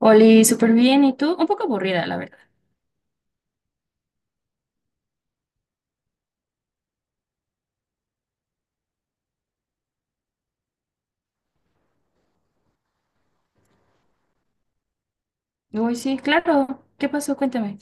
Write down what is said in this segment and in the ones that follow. Oli, súper bien. ¿Y tú? Un poco aburrida, la verdad. Uy, sí, claro. ¿Qué pasó? Cuéntame.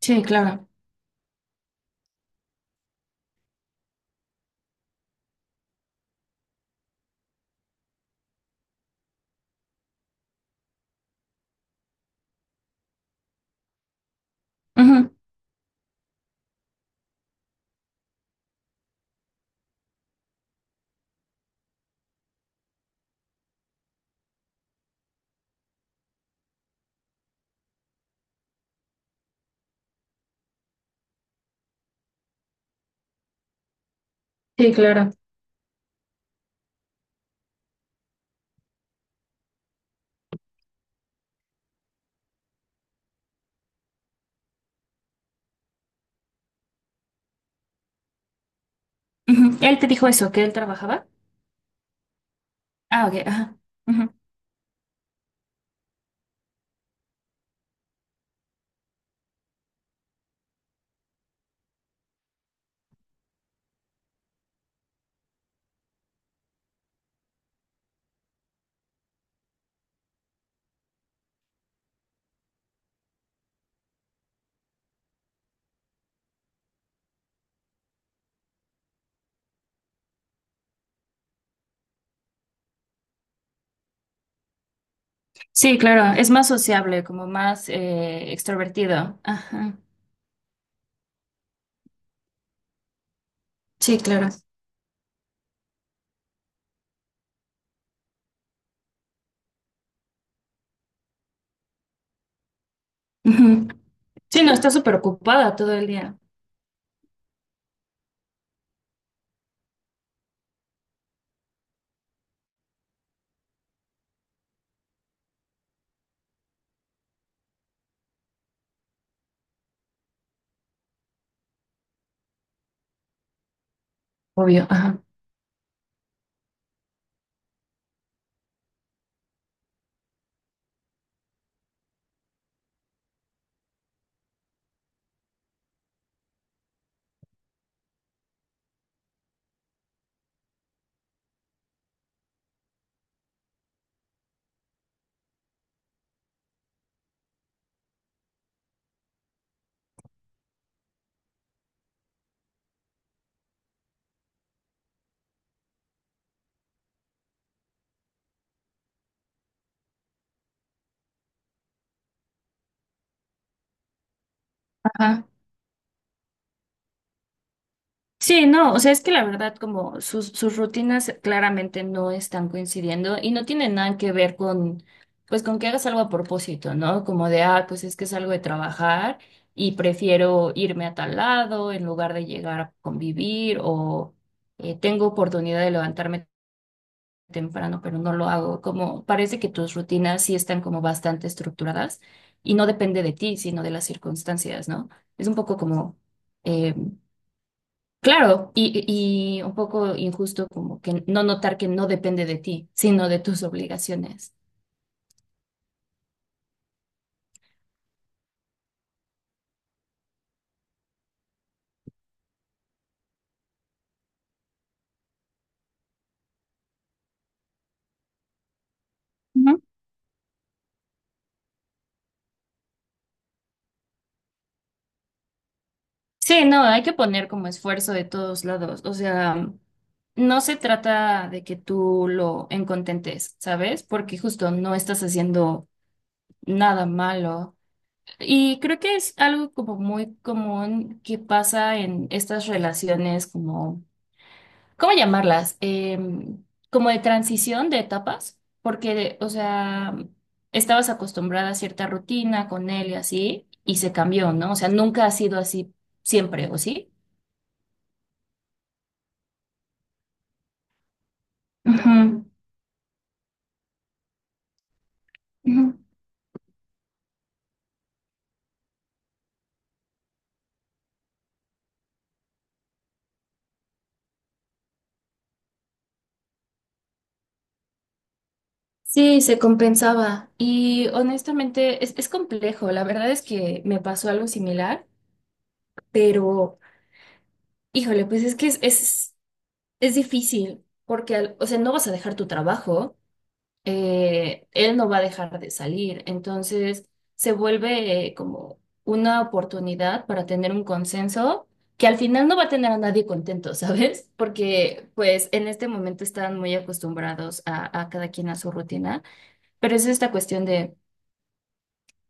Sí, claro. Ujú. Sí, claro. Ujú. Él te dijo eso, que él trabajaba. Ah, ok. Ajá. Ujú. Sí, claro. Es más sociable, como más extrovertido. Ajá. Sí, claro. Ujú. Sí, no, está súper ocupada todo el día. Obvio. Ajá. Ajá. Sí, no, o sea, es que la verdad como sus rutinas claramente no están coincidiendo y no tienen nada que ver con, pues con que hagas algo a propósito, ¿no? Como de, ah, pues es que salgo de trabajar y prefiero irme a tal lado en lugar de llegar a convivir o tengo oportunidad de levantarme temprano, pero no lo hago. Como parece que tus rutinas sí están como bastante estructuradas y no depende de ti, sino de las circunstancias, ¿no? Es un poco como... eh, Claro, y un poco injusto como que no notar que no depende de ti, sino de tus obligaciones. Ujú. Sí, no, hay que poner como esfuerzo de todos lados. O sea, no se trata de que tú lo encontentes, ¿sabes? Porque justo no estás haciendo nada malo. Y creo que es algo como muy común que pasa en estas relaciones como ¿cómo llamarlas? Como de transición de etapas, porque, o sea, estabas acostumbrada a cierta rutina con él y así, y se cambió, ¿no? O sea, nunca ha sido así siempre, ¿o sí? Ujú, ujú. Sí, se compensaba. Y honestamente, es complejo. La verdad es que me pasó algo similar, pero híjole, pues es que es difícil, porque, al- o sea, no vas a dejar tu trabajo, él no va a dejar de salir. Entonces se vuelve como una oportunidad para tener un consenso que al final no va a tener a nadie contento, ¿sabes? Porque pues en este momento están muy acostumbrados a cada quien a su rutina, pero es esta cuestión de,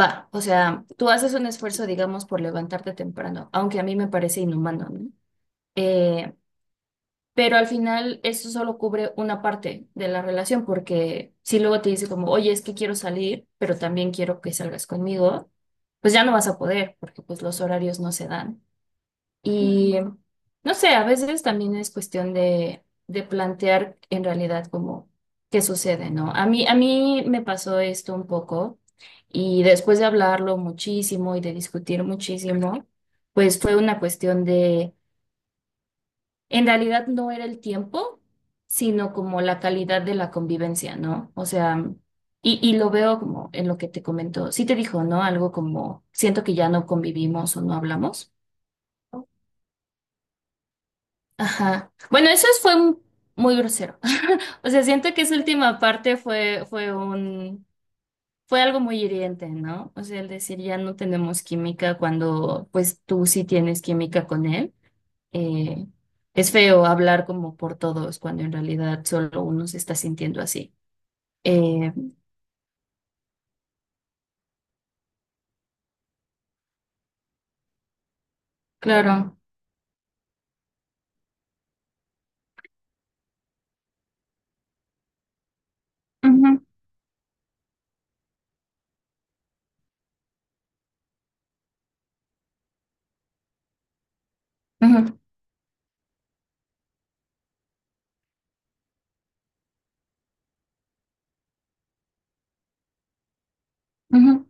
va, o sea, tú haces un esfuerzo, digamos, por levantarte temprano, aunque a mí me parece inhumano, ¿no? Eh, pero al final eso solo cubre una parte de la relación, porque si luego te dice como, oye, es que quiero salir, pero también quiero que salgas conmigo, pues ya no vas a poder, porque pues los horarios no se dan. Y no sé, a veces también es cuestión de plantear en realidad como qué sucede, ¿no? A mí me pasó esto un poco y después de hablarlo muchísimo y de discutir muchísimo, pues fue una cuestión de... En realidad no era el tiempo, sino como la calidad de la convivencia, ¿no? O sea, y lo veo como en lo que te comentó. Sí te dijo, ¿no? Algo como, siento que ya no convivimos o no hablamos. Ajá. Bueno, eso es- fue un- muy grosero. O sea, siento que esa última parte fue, fue un, fue algo muy hiriente, ¿no? O sea, el decir ya no tenemos química cuando pues tú sí tienes química con él. eh, es feo hablar como por todos cuando en realidad solo uno se está sintiendo así. Eh, claro. Ujú, ujú, ujú.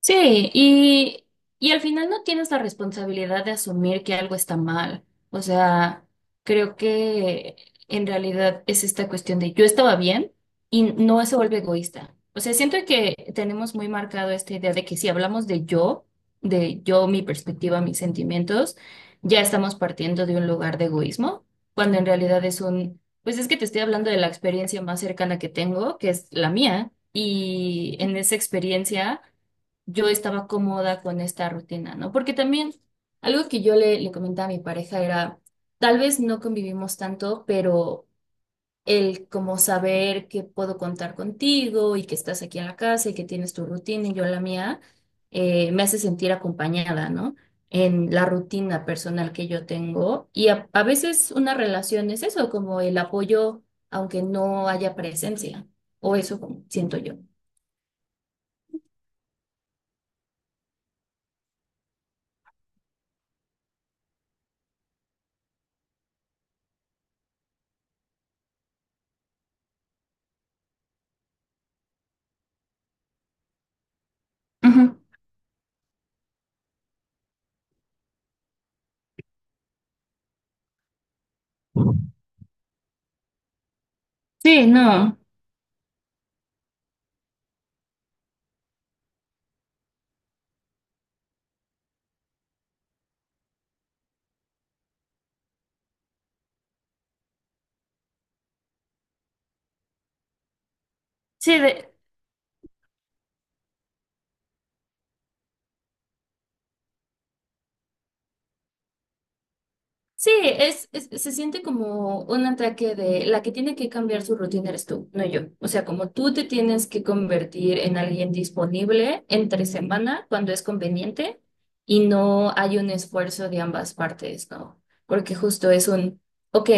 Sí, y al final no tienes la responsabilidad de asumir que algo está mal. O sea, creo que en realidad es esta cuestión de yo estaba bien y no se vuelve egoísta. O sea, siento que tenemos muy marcado esta idea de que si hablamos de yo, mi perspectiva, mis sentimientos, ya estamos partiendo de un lugar de egoísmo, cuando en realidad es un, pues es que te estoy hablando de la experiencia más cercana que tengo, que es la mía, y en esa experiencia yo estaba cómoda con esta rutina, ¿no? Porque también algo que yo le comentaba a mi pareja era, tal vez no convivimos tanto, pero el como saber que puedo contar contigo y que estás aquí en la casa y que tienes tu rutina y yo la mía, me hace sentir acompañada, ¿no? En la rutina personal que yo tengo. Y a veces una relación es eso, como el apoyo, aunque no haya presencia, o eso como siento yo. Ujú. Sí, no. Sí, de- Sí, es- se siente como un ataque de la que tiene que cambiar su rutina eres tú, no yo. O sea, como tú te tienes que convertir en alguien disponible entre semana cuando es conveniente y no hay un esfuerzo de ambas partes, ¿no? Porque justo es un, ok,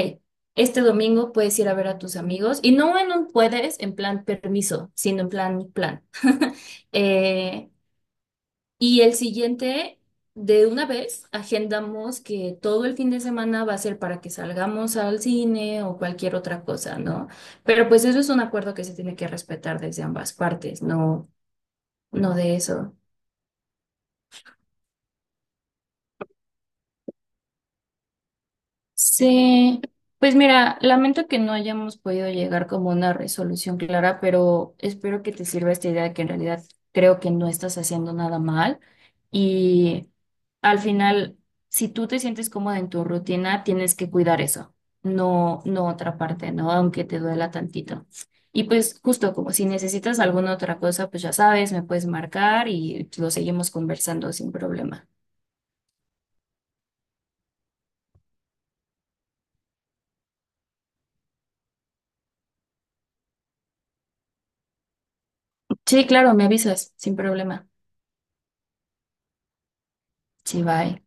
este domingo puedes ir a ver a tus amigos y no en un puedes en plan permiso, sino en plan plan. Eh, y el siguiente, de una vez, agendamos que todo el fin de semana va a ser para que salgamos al cine o cualquier otra cosa, ¿no? Pero pues eso es un acuerdo que se tiene que respetar desde ambas partes, no, no de eso. Sí, pues mira, lamento que no hayamos podido llegar como a una resolución clara, pero espero que te sirva esta idea de que en realidad creo que no estás haciendo nada mal y al final, si tú te sientes cómoda en tu rutina, tienes que cuidar eso, no, no otra parte, ¿no? Aunque te duela tantito. Y pues justo como si necesitas alguna otra cosa, pues ya sabes, me puedes marcar y lo seguimos conversando sin problema. Sí, claro, me avisas, sin problema. Sí, bye.